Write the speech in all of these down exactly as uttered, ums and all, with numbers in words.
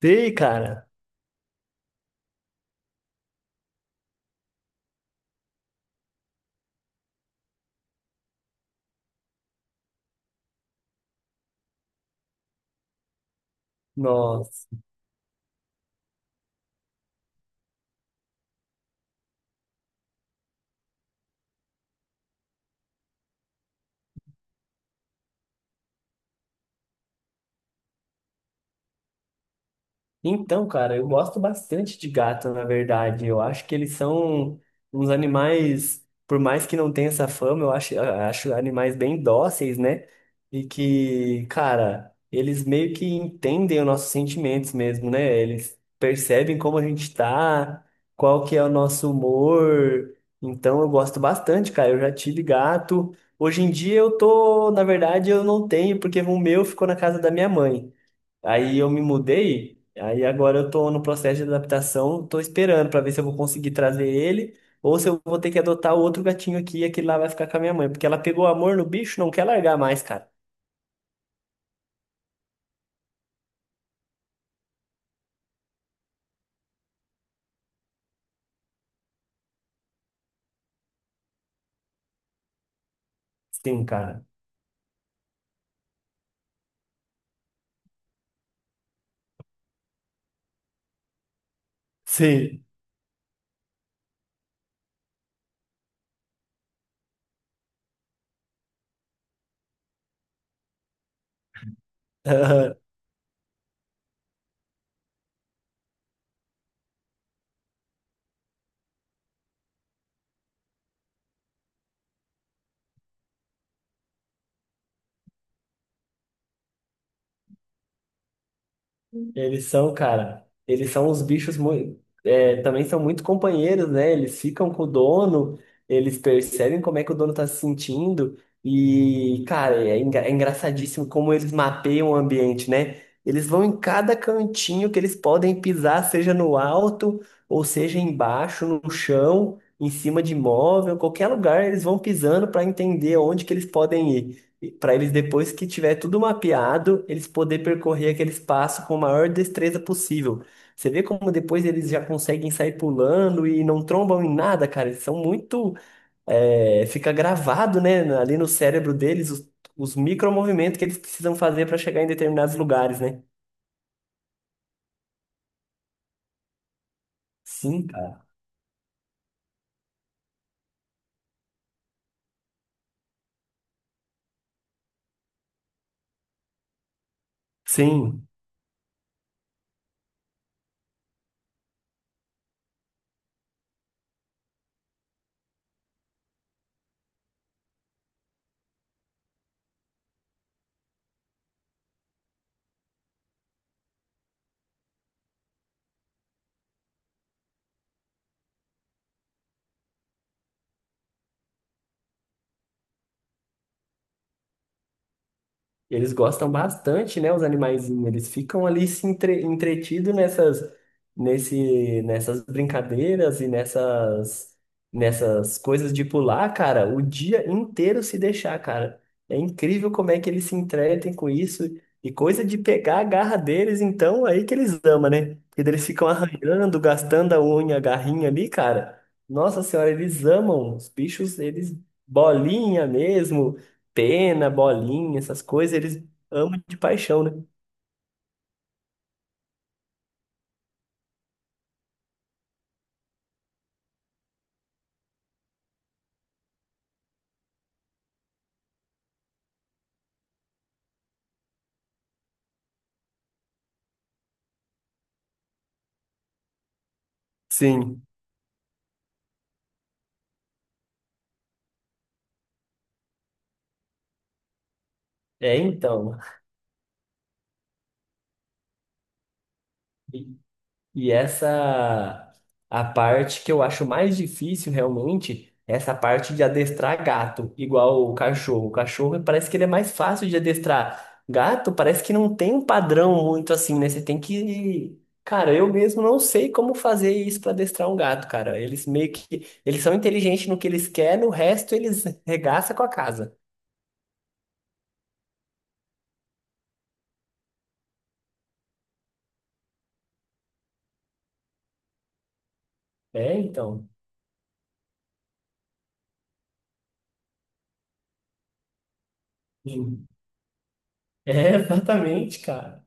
Sei, cara. Nossa. Então, cara, eu gosto bastante de gato, na verdade. Eu acho que eles são uns animais, por mais que não tenha essa fama, eu acho, eu acho animais bem dóceis, né? E que, cara, eles meio que entendem os nossos sentimentos mesmo, né? Eles percebem como a gente tá, qual que é o nosso humor. Então, eu gosto bastante, cara. Eu já tive gato. Hoje em dia eu tô, na verdade, eu não tenho, porque o meu ficou na casa da minha mãe. Aí eu me mudei, aí agora eu tô no processo de adaptação, tô esperando pra ver se eu vou conseguir trazer ele ou se eu vou ter que adotar outro gatinho aqui e aquele lá vai ficar com a minha mãe, porque ela pegou amor no bicho, não quer largar mais, cara. Sim, cara. Sim. Eles são, cara, eles são uns bichos muito, também são muito companheiros, né? Eles ficam com o dono, eles percebem como é que o dono tá se sentindo e, cara, é, engra- é engraçadíssimo como eles mapeiam o ambiente, né? Eles vão em cada cantinho que eles podem pisar, seja no alto ou seja embaixo, no chão, em cima de móvel, qualquer lugar eles vão pisando para entender onde que eles podem ir para eles, depois que tiver tudo mapeado, eles poder percorrer aquele espaço com a maior destreza possível. Você vê como depois eles já conseguem sair pulando e não trombam em nada, cara. Eles são muito. É, fica gravado, né, na- ali no cérebro deles os, os micromovimentos que eles precisam fazer para chegar em determinados lugares, né? Sim, cara. Sim. Eles gostam bastante, né, os animaizinhos. Eles ficam ali se entre, entretidos nessas, nesse, nessas brincadeiras e nessas, nessas coisas de pular, cara, o dia inteiro se deixar, cara. É incrível como é que eles se entretem com isso. E coisa de pegar a garra deles, então, aí que eles amam, né? Porque daí eles ficam arranhando, gastando a unha, a garrinha ali, cara. Nossa senhora, eles amam. Os bichos, eles bolinha mesmo pena, bolinha, essas coisas, eles amam de paixão, né? Sim. É, então. E, e essa a parte que eu acho mais difícil realmente, é essa parte de adestrar gato, igual o cachorro. O cachorro parece que ele é mais fácil de adestrar. Gato parece que não tem um padrão muito assim, né? Você tem que... Cara, eu mesmo não sei como fazer isso para adestrar um gato, cara. Eles meio que eles são inteligentes no que eles querem, no resto eles regaçam com a casa. É, então. É, exatamente, cara.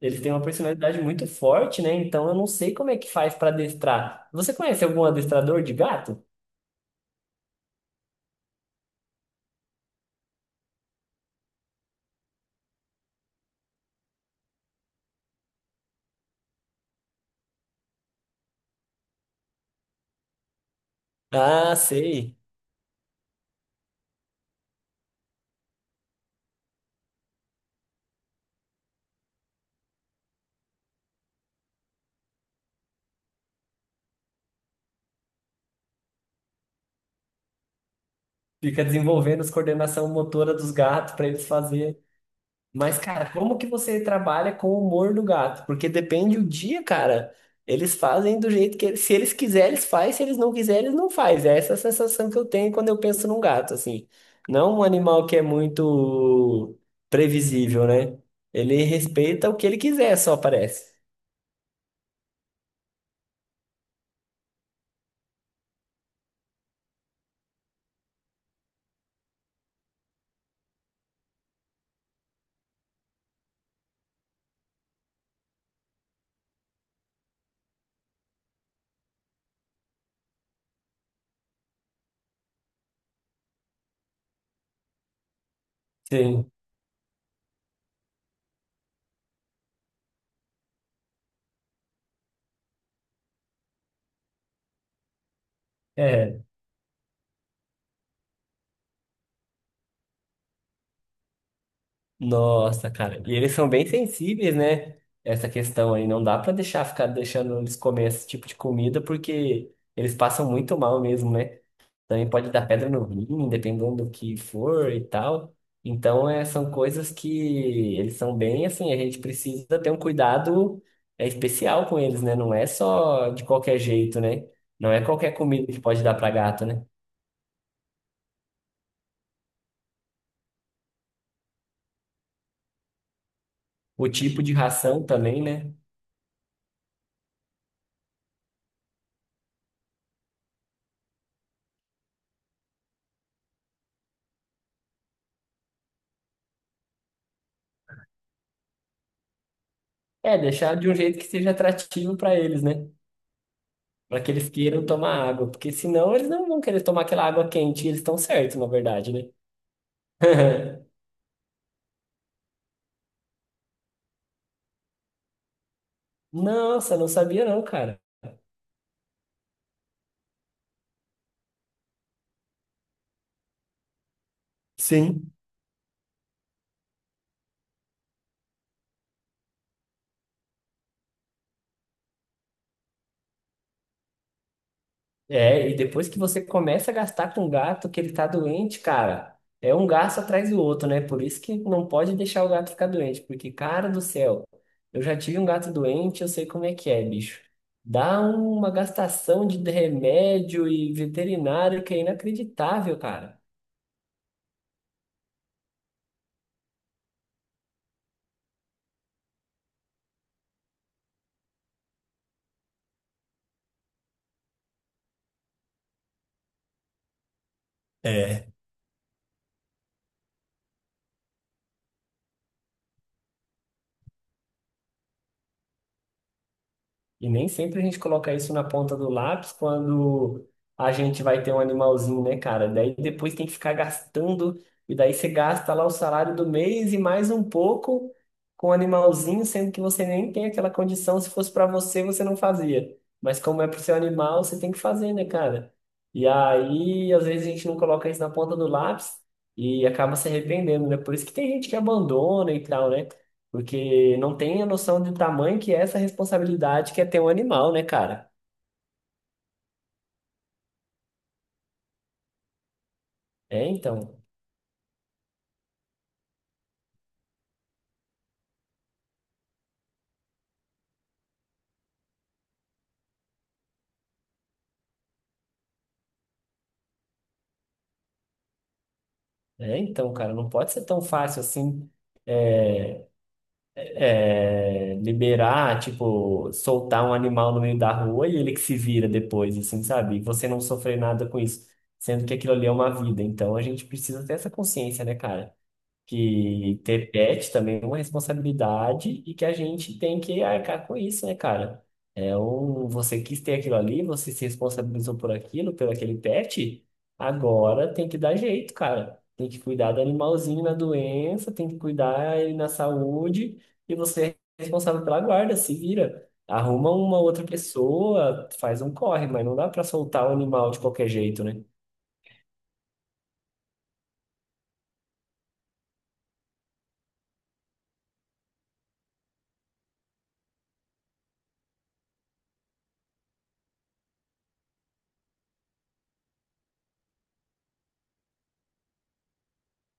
Ele tem uma personalidade muito forte, né? Então eu não sei como é que faz pra adestrar. Você conhece algum adestrador de gato? Ah, sei. Fica desenvolvendo as coordenação motora dos gatos pra eles fazerem. Mas, cara, como que você trabalha com o humor do gato? Porque depende o dia, cara. Eles fazem do jeito que eles, se eles quiserem, eles fazem, se eles não quiserem, eles não fazem. É essa a sensação que eu tenho quando eu penso num gato, assim. Não um animal que é muito previsível, né? Ele respeita o que ele quiser, só parece. Sim. É. Nossa, cara. E eles são bem sensíveis, né? Essa questão aí. Não dá pra deixar ficar deixando eles comer esse tipo de comida, porque eles passam muito mal mesmo, né? Também pode dar pedra no rim, dependendo do que for e tal. Então, é, são coisas que eles são bem assim, a gente precisa ter um cuidado é, especial com eles, né? Não é só de qualquer jeito, né? Não é qualquer comida que pode dar para gato, né? O tipo de ração também, né? É, deixar de um jeito que seja atrativo para eles, né? Para que eles queiram tomar água, porque senão eles não vão querer tomar aquela água quente, e eles estão certos, na verdade, né? Nossa, não sabia não, cara. Sim. É, e depois que você começa a gastar com o gato que ele tá doente, cara, é um gasto atrás do outro, né? Por isso que não pode deixar o gato ficar doente, porque, cara do céu, eu já tive um gato doente, eu sei como é que é, bicho. Dá uma gastação de remédio e veterinário que é inacreditável, cara. É. E nem sempre a gente coloca isso na ponta do lápis quando a gente vai ter um animalzinho, né, cara? Daí depois tem que ficar gastando, e daí você gasta lá o salário do mês e mais um pouco com o animalzinho, sendo que você nem tem aquela condição. Se fosse para você, você não fazia. Mas como é pro seu animal, você tem que fazer, né, cara? E aí, às vezes a gente não coloca isso na ponta do lápis e acaba se arrependendo, né? Por isso que tem gente que abandona e tal, né? Porque não tem a noção do tamanho que é essa responsabilidade que é ter um animal, né, cara? É então, é então, cara, não pode ser tão fácil assim é, é, liberar, tipo, soltar um animal no meio da rua e ele que se vira depois, assim, sabe? E você não sofrer nada com isso, sendo que aquilo ali é uma vida. Então a gente precisa ter essa consciência, né, cara? Que ter pet também é uma responsabilidade e que a gente tem que arcar com isso, né, cara? É um, você quis ter aquilo ali, você se responsabilizou por aquilo, pelo aquele pet, agora tem que dar jeito, cara. Tem que cuidar do animalzinho na doença, tem que cuidar ele na saúde e você é responsável pela guarda, se vira. Arruma uma outra pessoa, faz um corre, mas não dá pra soltar o animal de qualquer jeito, né?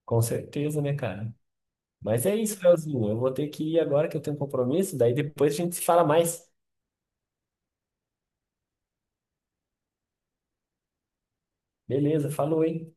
Com certeza, né, cara? Mas é isso, Leozinho. Eu vou ter que ir agora que eu tenho um compromisso. Daí depois a gente se fala mais. Beleza, falou, hein?